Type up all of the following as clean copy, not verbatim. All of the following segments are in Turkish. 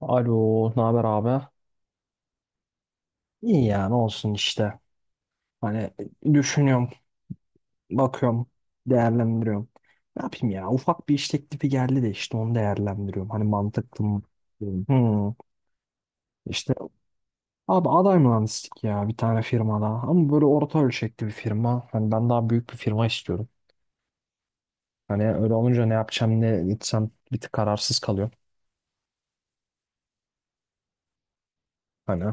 Alo, ne haber abi? İyi yani ne olsun işte. Hani düşünüyorum, bakıyorum, değerlendiriyorum. Ne yapayım ya? Ufak bir iş teklifi geldi de işte onu değerlendiriyorum. Hani mantıklı mı? Hmm. Hmm. İşte abi aday mühendislik ya bir tane firmada. Ama böyle orta ölçekli bir firma. Hani ben daha büyük bir firma istiyorum. Hani öyle olunca ne yapacağım ne gitsem bir tık kararsız kalıyorum. Hani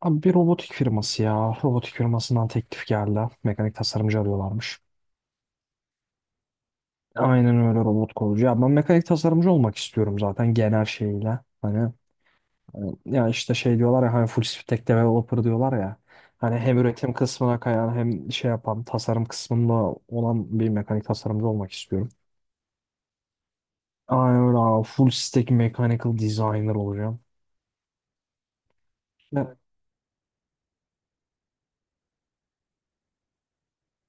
abi bir robotik firması ya. Robotik firmasından teklif geldi. Mekanik tasarımcı arıyorlarmış. Aynen öyle robot kolcu. Ya ben mekanik tasarımcı olmak istiyorum zaten genel şeyle. Hani e, ya işte şey diyorlar ya hani full stack developer diyorlar ya. Hani hem üretim kısmına kayan hem şey yapan tasarım kısmında olan bir mekanik tasarımcı olmak istiyorum. Aynen öyle abi. Full stack mechanical designer olacağım. Ne?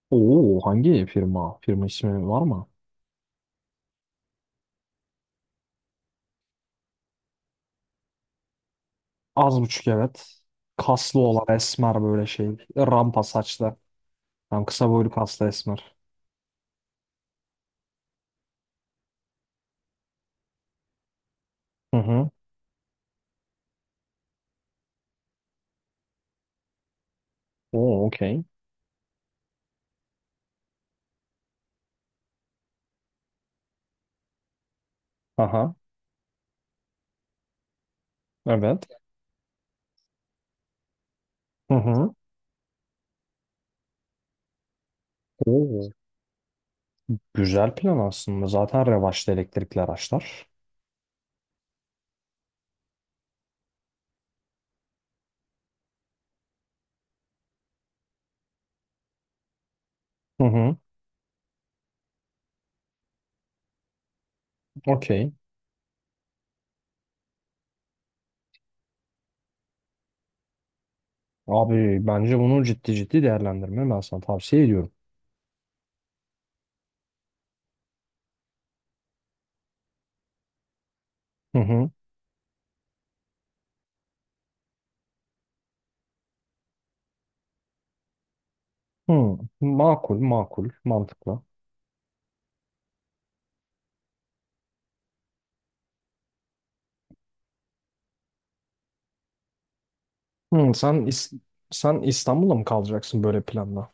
Oo, hangi firma? Firma ismi var mı? Az buçuk evet. Kaslı olan esmer böyle şey. Rampa saçlı. Tam kısa boylu kaslı esmer. Hı hı. Oo okey. Aha. Evet. Hı hı. Oo, güzel plan aslında. Zaten revaçta elektrikli araçlar. Hı hı. Okey. Abi bence bunu ciddi ciddi değerlendirme, ben sana tavsiye ediyorum. Hı hı. Hı. Makul, makul, mantıklı. Hı. Sen İstanbul'da mı kalacaksın böyle planla?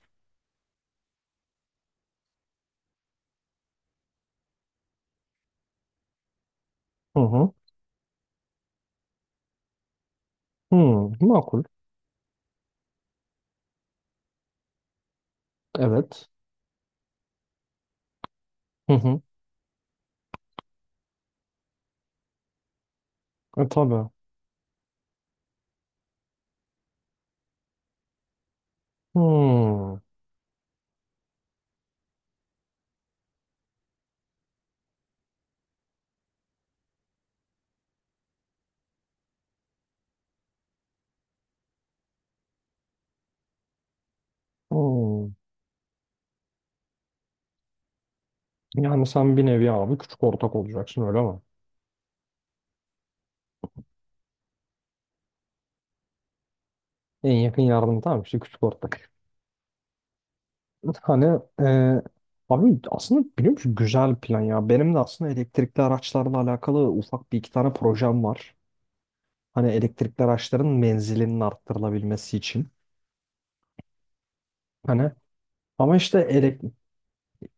Hı hı. Hı. Makul. Evet. Hı hı. E, tabii. Hı. Hı. Yani sen bir nevi abi küçük ortak olacaksın, öyle mi? En yakın yardım, tamam işte, küçük ortak. Hani abi aslında biliyor musun, güzel plan ya. Benim de aslında elektrikli araçlarla alakalı ufak bir iki tane projem var. Hani elektrikli araçların menzilinin arttırılabilmesi için. Hani ama işte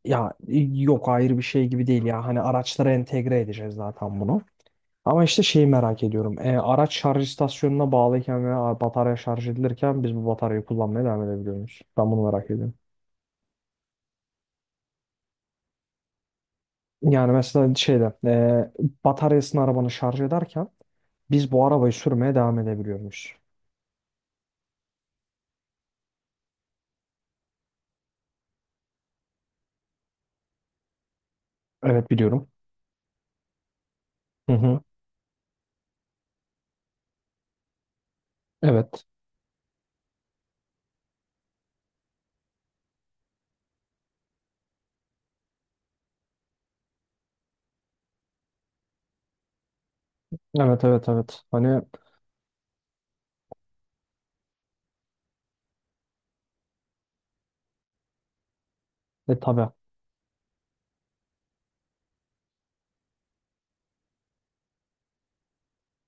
ya yok, ayrı bir şey gibi değil ya. Hani araçlara entegre edeceğiz zaten bunu. Ama işte şeyi merak ediyorum. E, araç şarj istasyonuna bağlıyken veya batarya şarj edilirken biz bu bataryayı kullanmaya devam edebiliyor muyuz? Ben bunu merak ediyorum. Yani mesela şeyde bataryasını arabanı şarj ederken biz bu arabayı sürmeye devam edebiliyormuş. Evet biliyorum. Hı hı. Evet. Evet, evet, evet. Hani tabii.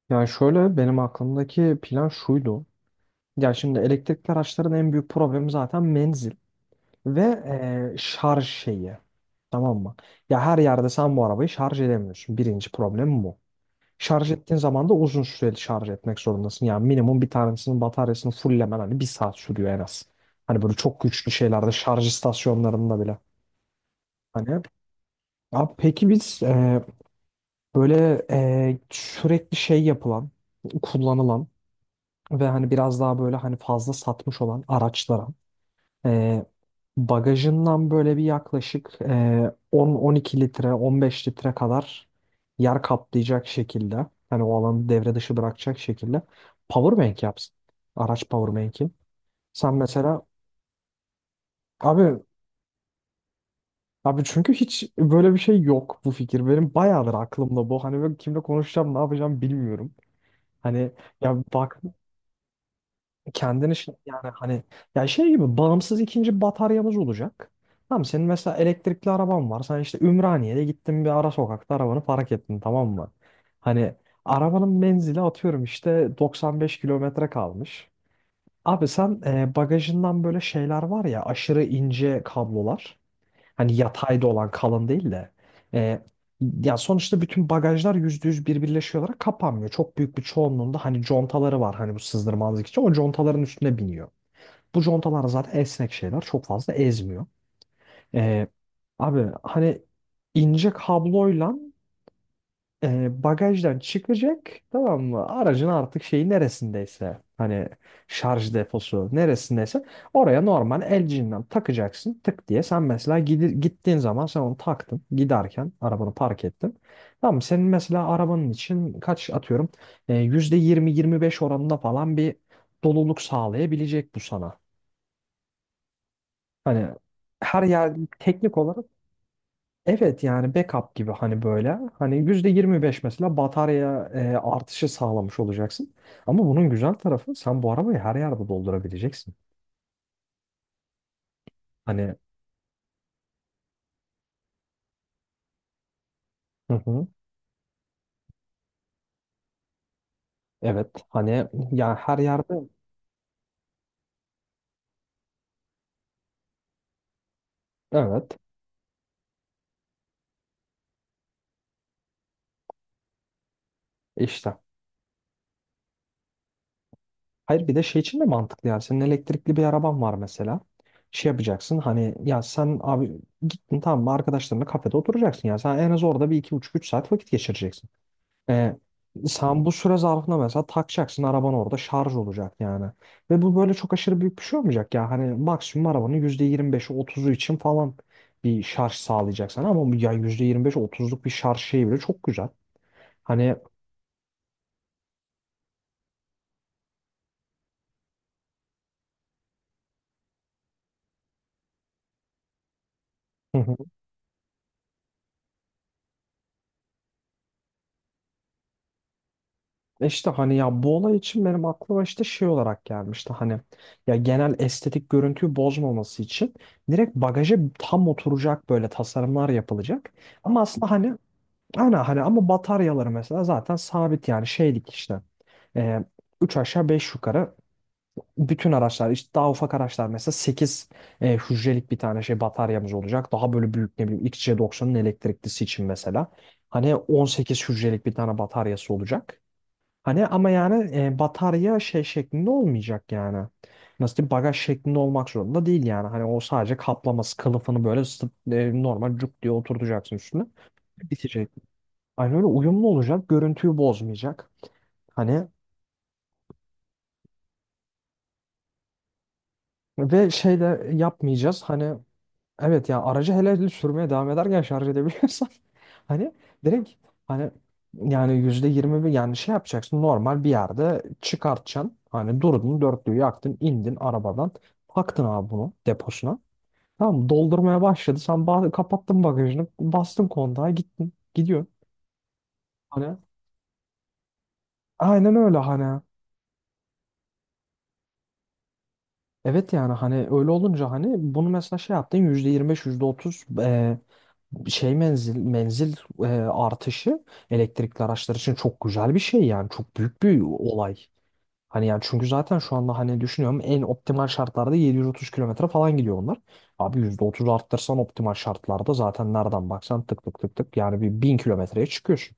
Yani şöyle, benim aklımdaki plan şuydu. Ya şimdi elektrikli araçların en büyük problemi zaten menzil ve şarj şeyi. Tamam mı? Ya her yerde sen bu arabayı şarj edemiyorsun. Birinci problem bu. Şarj ettiğin zaman da uzun süreli şarj etmek zorundasın. Yani minimum bir tanesinin bataryasını fulllemen hani 1 saat sürüyor en az. Hani böyle çok güçlü şeylerde şarj istasyonlarında bile. Hani abi peki biz böyle sürekli şey yapılan, kullanılan ve hani biraz daha böyle hani fazla satmış olan araçlara e, bagajından böyle bir yaklaşık 10-12 litre, 15 litre kadar yer kaplayacak şekilde, hani o alanı devre dışı bırakacak şekilde powerbank yapsın. Araç powerbank'i. Sen mesela abi Abi çünkü hiç böyle bir şey yok bu fikir. Benim bayağıdır aklımda bu. Hani böyle kimle konuşacağım, ne yapacağım bilmiyorum. Hani ya bak, yani hani ya şey gibi bağımsız ikinci bataryamız olacak. Tamam, senin mesela elektrikli araban var. Sen işte Ümraniye'de gittin, bir ara sokakta arabanı park ettin, tamam mı? Hani arabanın menzili atıyorum işte 95 kilometre kalmış. Abi sen bagajından böyle şeyler var ya, aşırı ince kablolar. Hani yatayda olan, kalın değil de. E, ya sonuçta bütün bagajlar %100 birbirleşiyor olarak kapanmıyor. Çok büyük bir çoğunluğunda hani contaları var hani, bu sızdırmazlık için. O contaların üstüne biniyor. Bu contalar zaten esnek şeyler. Çok fazla ezmiyor. E, abi hani ince kabloyla bagajdan çıkacak, tamam mı? Aracın artık şeyi neresindeyse, hani şarj deposu neresindeyse oraya normal el cihinden takacaksın tık diye. Sen mesela gittiğin zaman sen onu taktın, giderken arabanı park ettin. Tamam mı? Senin mesela arabanın için kaç atıyorum %20-25 oranında falan bir doluluk sağlayabilecek bu sana. Hani her yer teknik olarak, evet, yani backup gibi hani böyle. Hani %25 mesela batarya artışı sağlamış olacaksın. Ama bunun güzel tarafı, sen bu arabayı her yerde doldurabileceksin. Hani hı hı, evet hani ya her yerde evet işte. Hayır bir de şey için de mantıklı, yani senin elektrikli bir araban var mesela. Şey yapacaksın hani ya sen abi gittin, tamam mı, arkadaşlarınla kafede oturacaksın. Ya sen en az orada bir, iki buçuk, üç saat vakit geçireceksin. E, sen bu süre zarfında mesela takacaksın, araban orada şarj olacak yani. Ve bu böyle çok aşırı büyük bir şey olmayacak ya. Hani maksimum arabanın %25'i, otuzu için falan bir şarj sağlayacaksın. Ama bu ya %25'i, otuzluk bir şarj şeyi bile çok güzel. Hani hı hı. işte hani ya bu olay için benim aklıma işte şey olarak gelmişti. Hani ya genel estetik görüntüyü bozmaması için direkt bagaja tam oturacak böyle tasarımlar yapılacak. Ama aslında hani, hani, hani ama bataryaları mesela zaten sabit yani şeylik işte. E, 3 aşağı 5 yukarı bütün araçlar, işte daha ufak araçlar mesela 8 hücrelik bir tane şey bataryamız olacak. Daha böyle büyük, ne bileyim XC90'ın elektriklisi için mesela. Hani 18 hücrelik bir tane bataryası olacak. Hani ama yani batarya şey şeklinde olmayacak yani. Nasıl diyeyim, bagaj şeklinde olmak zorunda değil yani. Hani o sadece kaplaması kılıfını böyle normal cuk diye oturtacaksın üstüne. Bitecek. Aynı öyle uyumlu olacak, görüntüyü bozmayacak. Hani ve şeyle yapmayacağız. Hani evet ya aracı hele hele sürmeye devam ederken şarj edebiliyorsan hani direkt hani, yani %20-21, yani şey yapacaksın, normal bir yerde çıkartacaksın. Hani durdun, dörtlüğü yaktın, indin arabadan, taktın abi bunu deposuna. Tamam, doldurmaya başladı. Sen kapattın bagajını, bastın kontağa, gittin gidiyor. Hani aynen öyle hani. Evet yani hani öyle olunca hani bunu mesela şey yaptın %25, %30, şey menzil artışı elektrikli araçlar için çok güzel bir şey yani, çok büyük bir olay. Hani yani çünkü zaten şu anda hani düşünüyorum en optimal şartlarda 730 kilometre falan gidiyor bunlar. Abi %30 arttırsan optimal şartlarda zaten nereden baksan tık tık tık tık yani bir 1000 kilometreye çıkıyor.